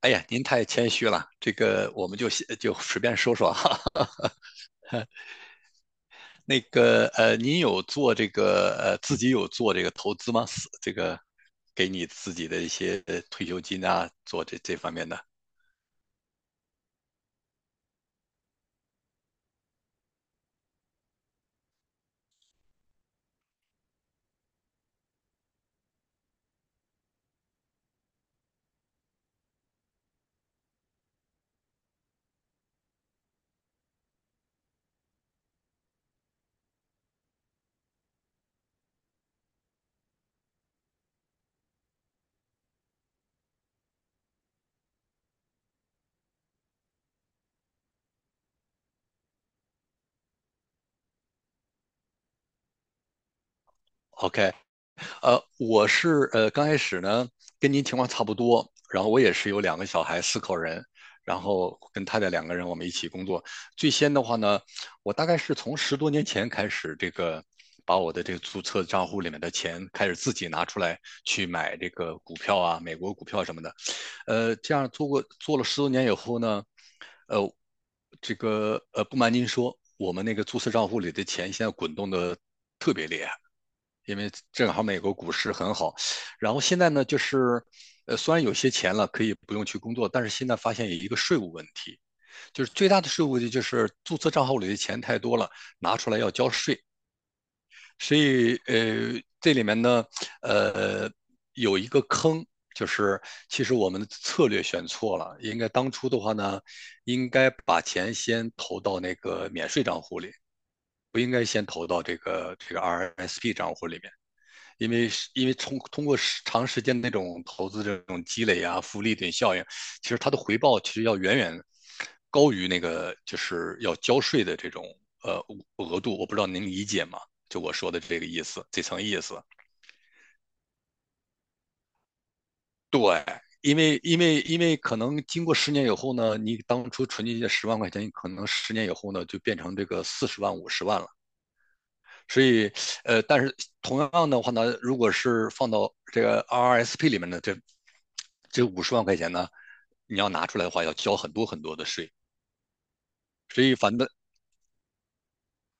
哎呀，您太谦虚了，这个我们就先就随便说说哈。那个您有做这个呃自己有做这个投资吗？是这个给你自己的一些退休金啊，做这方面的。OK，我是刚开始呢，跟您情况差不多，然后我也是有2个小孩，4口人，然后跟太太两个人我们一起工作。最先的话呢，我大概是从十多年前开始，这个把我的这个注册账户里面的钱开始自己拿出来去买这个股票啊，美国股票什么的。这样做了10多年以后呢，呃，这个不瞒您说，我们那个注册账户里的钱现在滚动的特别厉害，因为正好美国股市很好。然后现在呢，就是虽然有些钱了可以不用去工作，但是现在发现有一个税务问题，就是最大的税务问题就是注册账户里的钱太多了，拿出来要交税。所以这里面呢，呃，有一个坑，就是其实我们的策略选错了，应该当初的话呢，应该把钱先投到那个免税账户里，不应该先投到这个 RSP 账户里面。因为通过长时间那种投资这种积累啊、复利等效应，其实它的回报其实要远远高于那个就是要交税的这种呃额度。我不知道您理解吗？就我说的这个意思，这层意思。对，因为可能经过十年以后呢，你当初存进去十万块钱，可能十年以后呢就变成这个40万、50万了。所以，但是同样的话呢，如果是放到这个 RRSP 里面的这50万块钱呢，你要拿出来的话，要交很多很多的税。所以，反正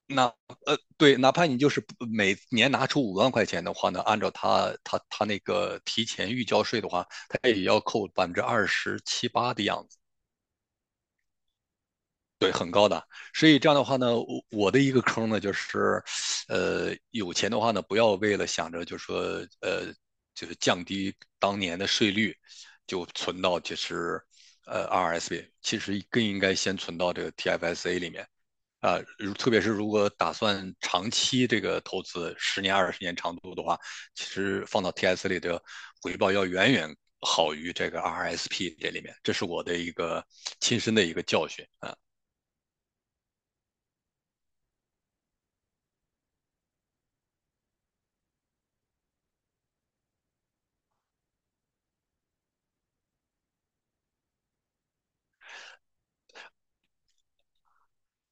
那对，哪怕你就是每年拿出五万块钱的话呢，按照他那个提前预交税的话，他也要扣27%、28%的样子。所以这样的话呢，我的一个坑呢，就是，有钱的话呢，不要为了想着就说，呃，就是降低当年的税率，就存到就是，RSP，其实更应该先存到这个 TFSA 里面啊，特别是如果打算长期这个投资，10年、20年长度的话，其实放到 TS a 里的回报要远远好于这个 RSP 这里面，这是我的一个亲身的一个教训啊。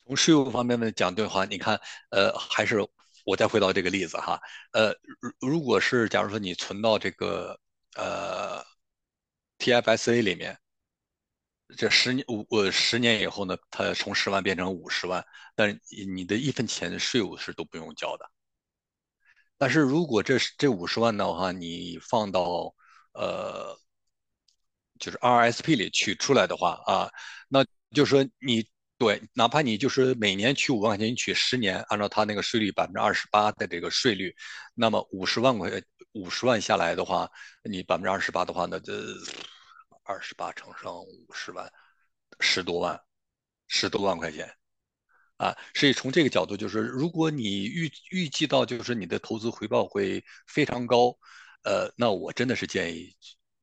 从税务方面的讲的话，你看，还是我再回到这个例子哈，呃，如如果是假如说你存到这个呃 TFSA 里面，这十年以后呢，它从十万变成五十万，但是你的一分钱的税务是都不用交的。但是如果这五十万的话，你放到呃就是 RSP 里取出来的话啊，那就是说你，对，哪怕你就是每年取五万块钱，你取十年，按照它那个税率百分之二十八的这个税率，那么五十万下来的话，你百分之二十八的话呢，那这28乘上50万，十多万，10多万块钱。啊，所以从这个角度，就是如果你预计到就是你的投资回报会非常高，那我真的是建议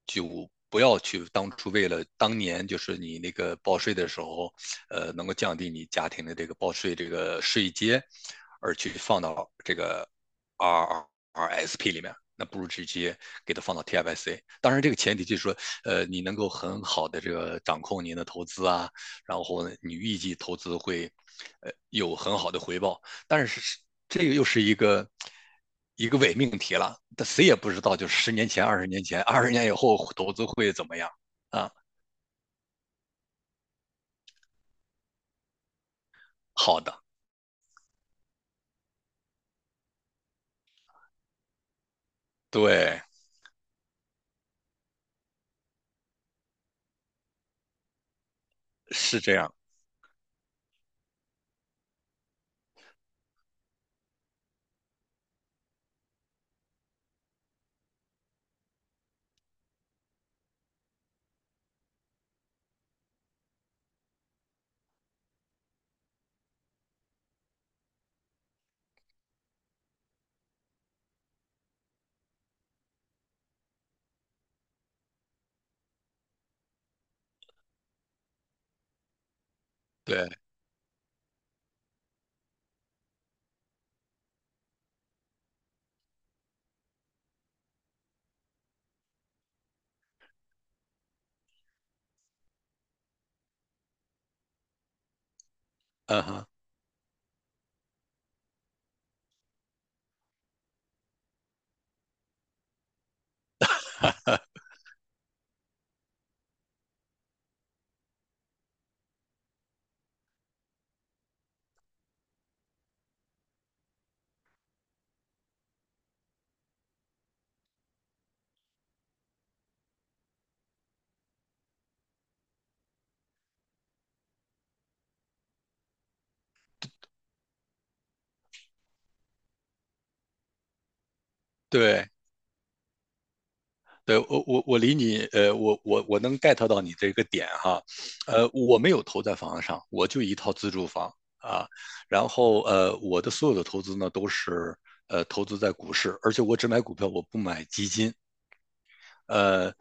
就不要去当初为了当年就是你那个报税的时候，能够降低你家庭的这个报税这个税阶，而去放到R R S P 里面，那不如直接给它放到 TFSA。当然，这个前提就是说，你能够很好的这个掌控您的投资啊，然后你预计投资会，有很好的回报。但是这个又是一个伪命题了，但谁也不知道，就是10年前、20年前、20年以后投资会怎么样啊？好的，对，是这样，对，嗯哼，对。对我理你，我能 get 到你这个点哈，我没有投在房子上，我就一套自住房啊，然后我的所有的投资呢都是投资在股市，而且我只买股票，我不买基金，呃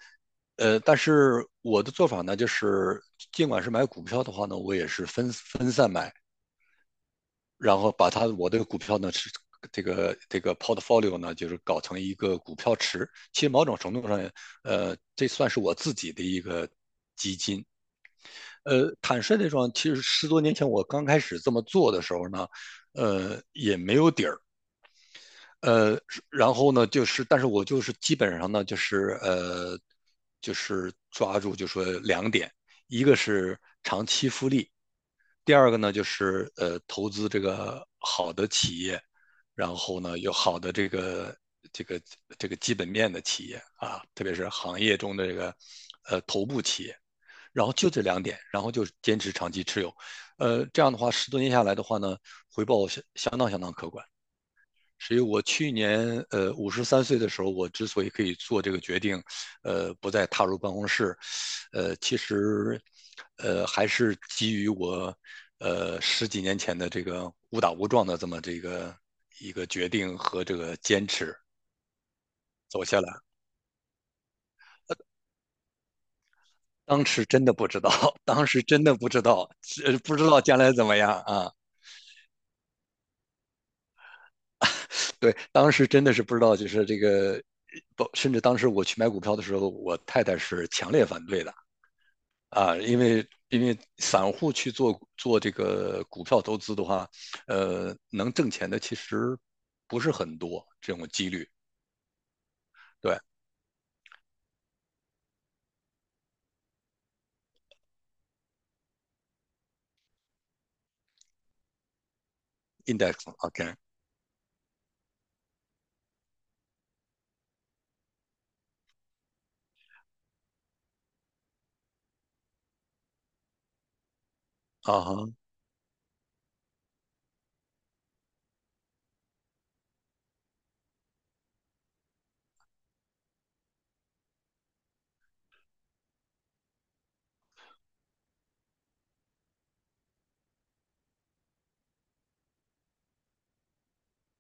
但是我的做法呢就是，尽管是买股票的话呢，我也是分散买，然后我的股票呢是这个 portfolio 呢，就是搞成一个股票池。其实某种程度上，这算是我自己的一个基金。坦率地说，其实十多年前我刚开始这么做的时候呢，也没有底儿。呃，然后呢，就是但是我就是基本上呢，就是就是抓住就说两点，一个是长期复利，第二个呢，就是投资这个好的企业，然后呢，有好的这个这个基本面的企业啊，特别是行业中的这个头部企业。然后就这两点，然后就坚持长期持有，这样的话，十多年下来的话呢，回报相当相当可观。所以我去年53岁的时候，我之所以可以做这个决定，不再踏入办公室，其实还是基于我10几年前的这个误打误撞的这么一个决定和这个坚持。走下来，当时真的不知道，当时真的不知道，不知道将来怎么样啊？对，当时真的是不知道，就是这个，不，甚至当时我去买股票的时候，我太太是强烈反对的，啊，因为散户去做这个股票投资的话，能挣钱的其实不是很多，这种几率。对，index，OK，okay， 啊哈，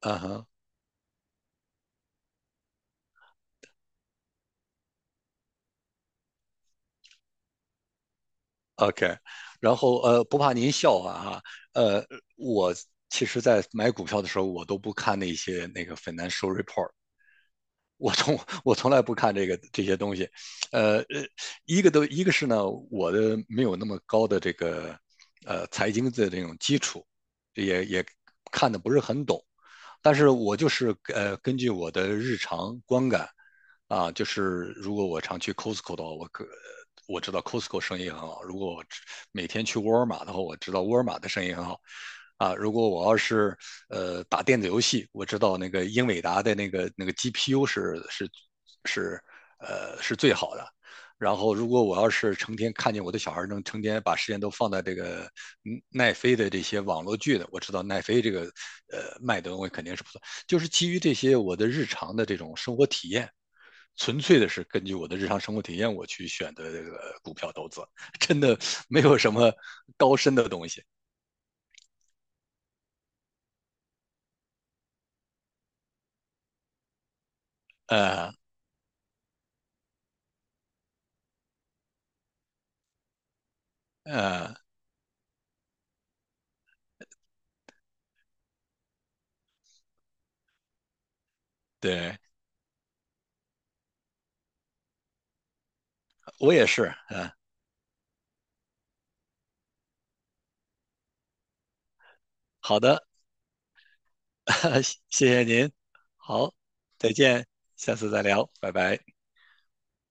啊哈，OK。然后不怕您笑话哈，呃，我其实在买股票的时候，我都不看那些那个 financial report，我从我从来不看这些东西，呃呃，一个是呢，我的没有那么高的这个财经的这种基础，也看的不是很懂。但是我就是根据我的日常观感啊，就是如果我常去 Costco 的话，我知道 Costco 生意很好；如果我每天去沃尔玛的话，我知道沃尔玛的生意很好。啊，如果我要是打电子游戏，我知道那个英伟达的那个 GPU 是是最好的。然后，如果我要是成天看见我的小孩能成天把时间都放在这个奈飞的这些网络剧的，我知道奈飞这个卖的东西肯定是不错，就是基于这些我的日常的这种生活体验，纯粹的是根据我的日常生活体验我去选的这个股票投资，真的 没有什么高深的东西。呃呃，对我也是，嗯、好的，谢谢您，好，再见，下次再聊，拜拜。